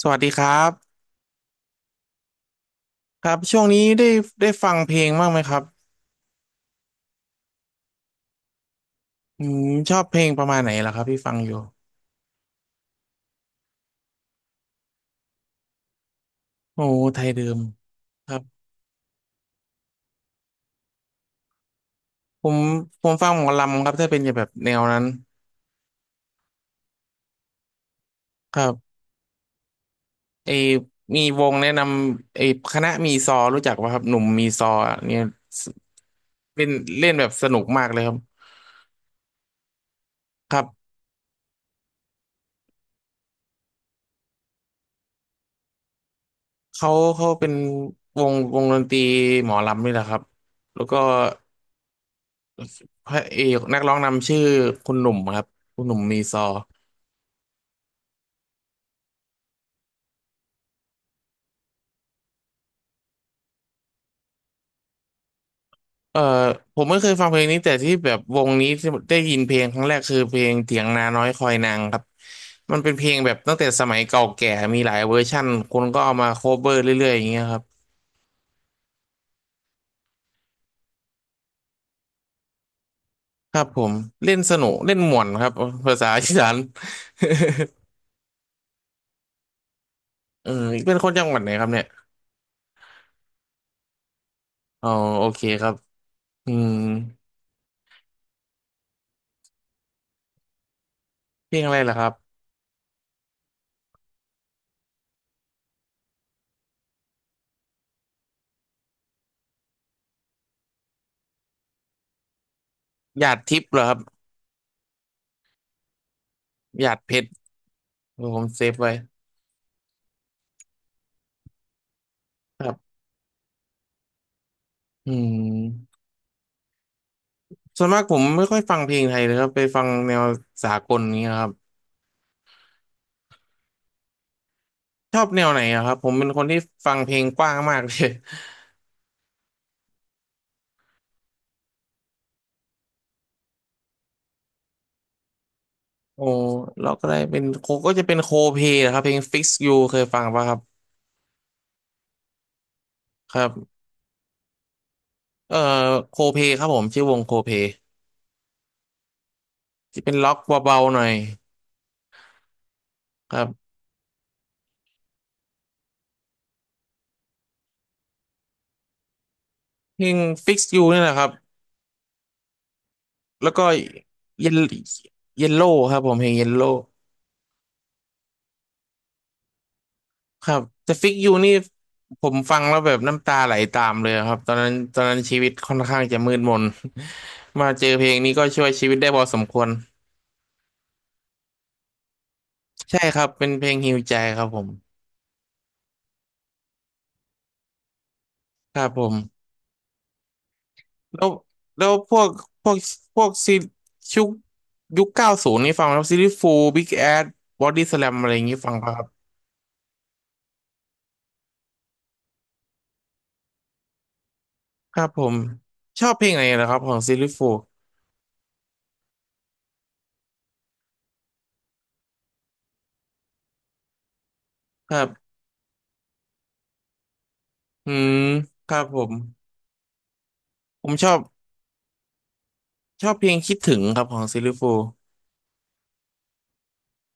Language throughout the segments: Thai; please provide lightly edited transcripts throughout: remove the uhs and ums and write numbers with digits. สวัสดีครับครับช่วงนี้ได้ฟังเพลงบ้างไหมครับอืมชอบเพลงประมาณไหนล่ะครับพี่ฟังอยู่โอ้ไทยเดิมครับผมฟังหมอลำครับถ้าเป็นแบบแนวนั้นครับไอมีวงแนะนำคณะมีซอรู้จักป่ะครับหนุ่มมีซออะเนี่ยเล่นเล่นแบบสนุกมากเลยครับครับเขาเขาเป็นวงดนตรีหมอลำนี่แหละครับแล้วก็พระเอกนักร้องนำชื่อคุณหนุ่มครับคุณหนุ่มมีซอ เออผมไม่เคยฟังเพลงนี้แต่ที่แบบวงนี้ที่ได้ยินเพลงครั้งแรกคือเพลงเถียงนาน้อยคอยนางครับมันเป็นเพลงแบบตั้งแต่สมัยเก่าแก่มีหลายเวอร์ชั่นคนก็เอามาโคเวอร์เรื่อยๆอย่างเงี้ยครับครับผมเล่นสนุกเล่นม่วนครับภาษาอีสานเออเป็นคนจังหวัดไหนครับเนี่ยอ๋อโอเคครับอืมเพลงอะไรล่ะครับหยาดทิพย์เหรอครับหยาดเพชรเออผมเซฟไว้ครับอืมส่วนมากผมไม่ค่อยฟังเพลงไทยเลยครับไปฟังแนวสากลนี้ยครับ ชอบแนวไหนอะครับผมเป็นคนที่ฟังเพลงกว้างมากเลย โอ้เราก็ได้เป็นโคก็จะเป็นโคเพลครับเพลง Fix You เคยฟังป่ะครับครับเอ่อโคเพลครับผมชื่อวงโคเพลจะเป็นล็อกเบาๆหน่อยครับเพลง Fix You นี่แหละครับแล้วก็เยลเยลโล่ครับผมเพลงเยลโล่ครับแต่ Fix You นี่ผมฟังแล้วแบบน้ำตาไหลตามเลยครับตอนนั้นชีวิตค่อนข้างจะมืดมน มาเจอเพลงนี้ก็ช่วยชีวิตได้พอสมควร ใช่ครับเป็นเพลงฮีลใจครับผมครับผมแล้วแล้วพวกพวกพวกซีชุกยุค90นี่ฟังไหมครับซีรีส์ฟูบิ๊กแอดบอดี้สแลมอะไรอย่างนี้ฟังป่ะครับครับผมชอบเพลงไหนเหรอครับของซีรีส์ฟูครับอืมครับผมผมชอบชอบเพลงคิดถึงครับของซีรีส์ฟู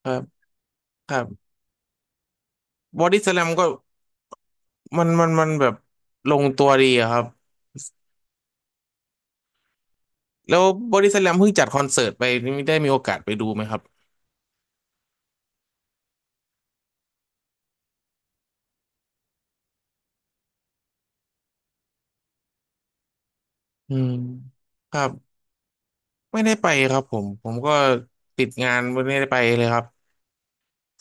ครับครับบอดี้สแลมก็มันแบบลงตัวดีอะครับแล้วบอดี้สแลมเพิ่งจัดคอนเสิร์ตไปนี่ได้มีโอกาสไปดูไหมครับอืมครับ ไม่ได้ไปครับผมผมก็ติดงานไม่ได้ไปเลยครับ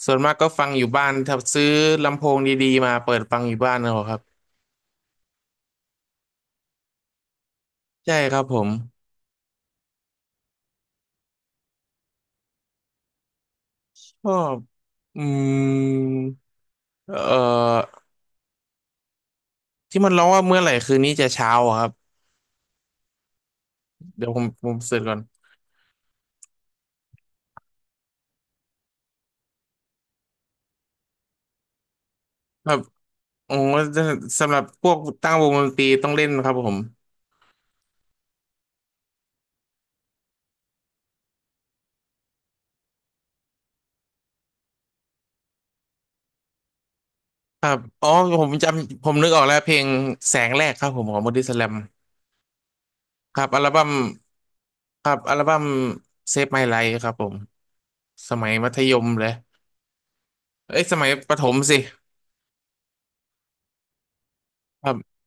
ส่วนมากก็ฟังอยู่บ้านถ้าซื้อลำโพงดีๆมาเปิดฟังอยู่บ้านเอาครับใช่ครับผมชอบอืมเอ่อที่มันร้องว่าเมื่อไหร่คืนนี้จะเช้าอะครับเดี๋ยวผมเสิร์ชก่อนครับโอ้สำหรับพวกตั้งวงดนตรีต้องเล่นครับผมครับอ๋อผมจำผมนึกออกแล้วเพลงแสงแรกครับผมของบอดี้สแลมครับอัลบั้มครับอัลบั้ม Save My Life ครับผม สมัยมัธยมเลยเอ้ย สมัยประถมสิครับ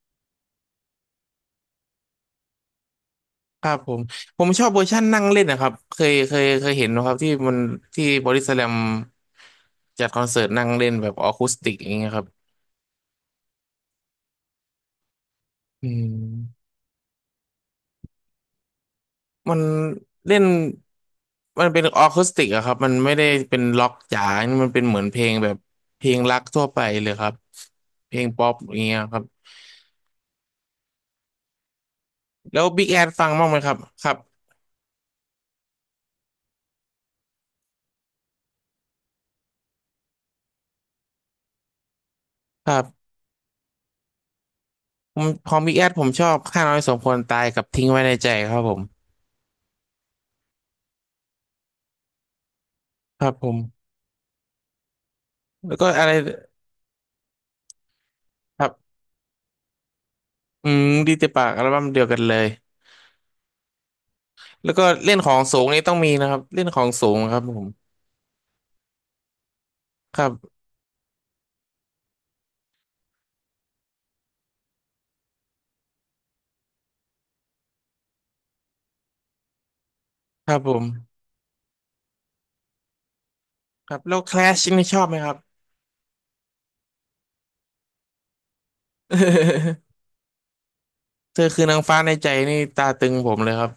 ครับผม ผมชอบเวอร์ชันนั่งเล่นนะครับเคยเห็นนะครับที่มันบอดี้สแลมจัดคอนเสิร์ตนั่งเล่นแบบออคูสติกอย่างเงี้ยครับอืมมันเล่นมันเป็นออคูสติกอะครับมันไม่ได้เป็นล็อกจ๋ามันเป็นเหมือนเพลงแบบเพลงรักทั่วไปเลยครับเพลงป๊อปอย่างเงี้ยครับแล้วบิ๊กแอดฟังบ้างไหมครับครับครับผมของบิ๊กแอดผมชอบข้าน้อยสมควรตายกับทิ้งไว้ในใจครับผม ครับผมแล้วก็อะไรครับอืมดีเจปากอัลบั้มเดียวกันเลยแล้วก็เล่นของสูงนี่ต้องมีนะครับเล่นของสูงครับผมครับครับผมครับแล้วแคลชนี่ชอบไหมครับ เธอคือนางฟ้าในใจนี่ตาตึงผมเลยครับ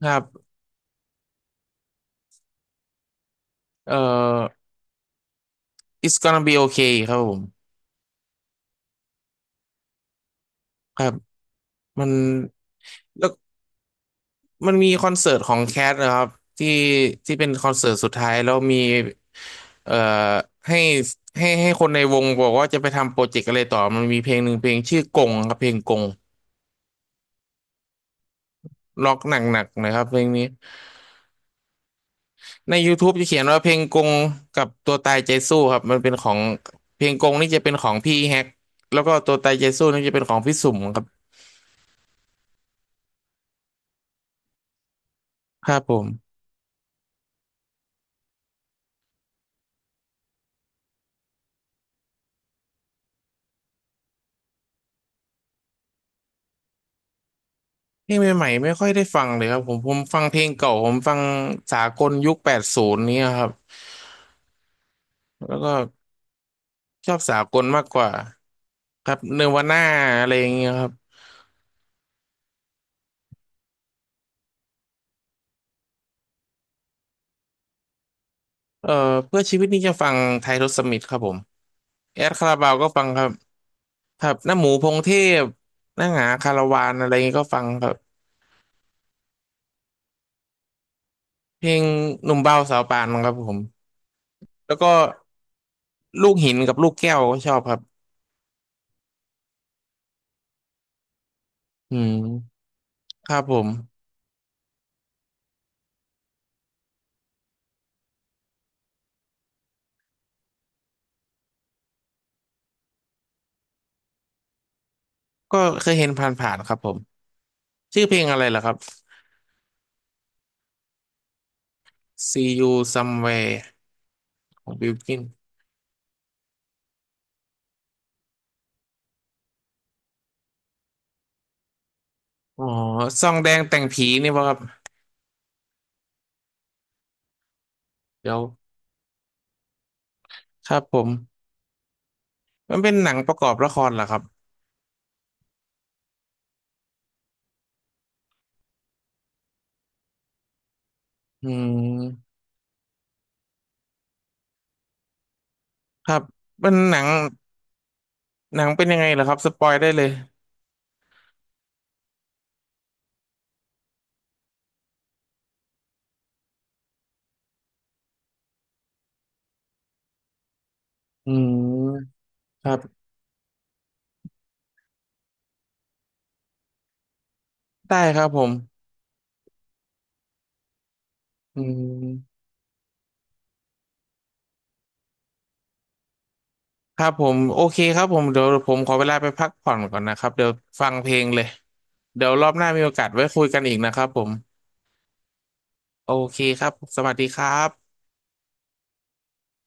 ครับเอ่อ It's gonna be okay ครับผมครับมันแล้ว มันมีคอนเสิร์ตของแคทนะครับที่ที่เป็นคอนเสิร์ตสุดท้ายแล้วมีเอ่อให้ให้คนในวงบอกว่าจะไปทำโปรเจกต์อะไรต่อมันมีเพลงหนึ่งเพลงชื่อกงครับเพลงกงล็อกหนักๆนะครับเพลงนี้ใน YouTube จะเขียนว่าเพลงกงกับตัวตายใจสู้ครับมันเป็นของเพลงกงนี่จะเป็นของพี่แฮกแล้วก็ตัวตายใจสู้นี่จะเป็นของพี่สุ่มครับครับผมเพลงใหม่ๆไม่ค่อยได้ฟังเลยครับผมผมฟังเพลงเก่าผมฟังสากลยุค80นี้ยครับแล้วก็ ชอบสากลมากกว่าครับเนวาน่าอะไรอย่างเงี้ยครับเอ่อเพื่อชีวิตนี่จะฟังไทยรสมิธครับผมแอดคาราบาวก็ฟังครับครับหน้าหมูพงเทพหน้าหงาคาราวานอะไรเงี้ยก็ฟังครับเพลงหนุ่มเบาสาวปานครับผมแล้วก็ลูกหินกับลูกแก้วก็ชอบครับอืมครับผมก็เคยเห็นผ่านๆครับผมชื่อเพลงอะไรล่ะครับ See You Somewhere ของบิลกินอ๋อซองแดงแต่งผีนี่ป่ะครับเดี๋ยวครับผม มันเป็นหนังประกอบละครเหรอครับ อืมครับเป็นหนังหนังเป็นยังไงเหรอครับสปอยได้เลยอืมครับได้ครับผม อืมครับผมโอเคครับผมเดี๋ยวผมขอเวลาไปพักผ่อนก่อนนะครับเดี๋ยวฟังเพลงเลย เดี๋ยวรอบหน้ามีโอกาสไว้คุยกันอีกนะครับผม โอเคครับสวัสดีครับ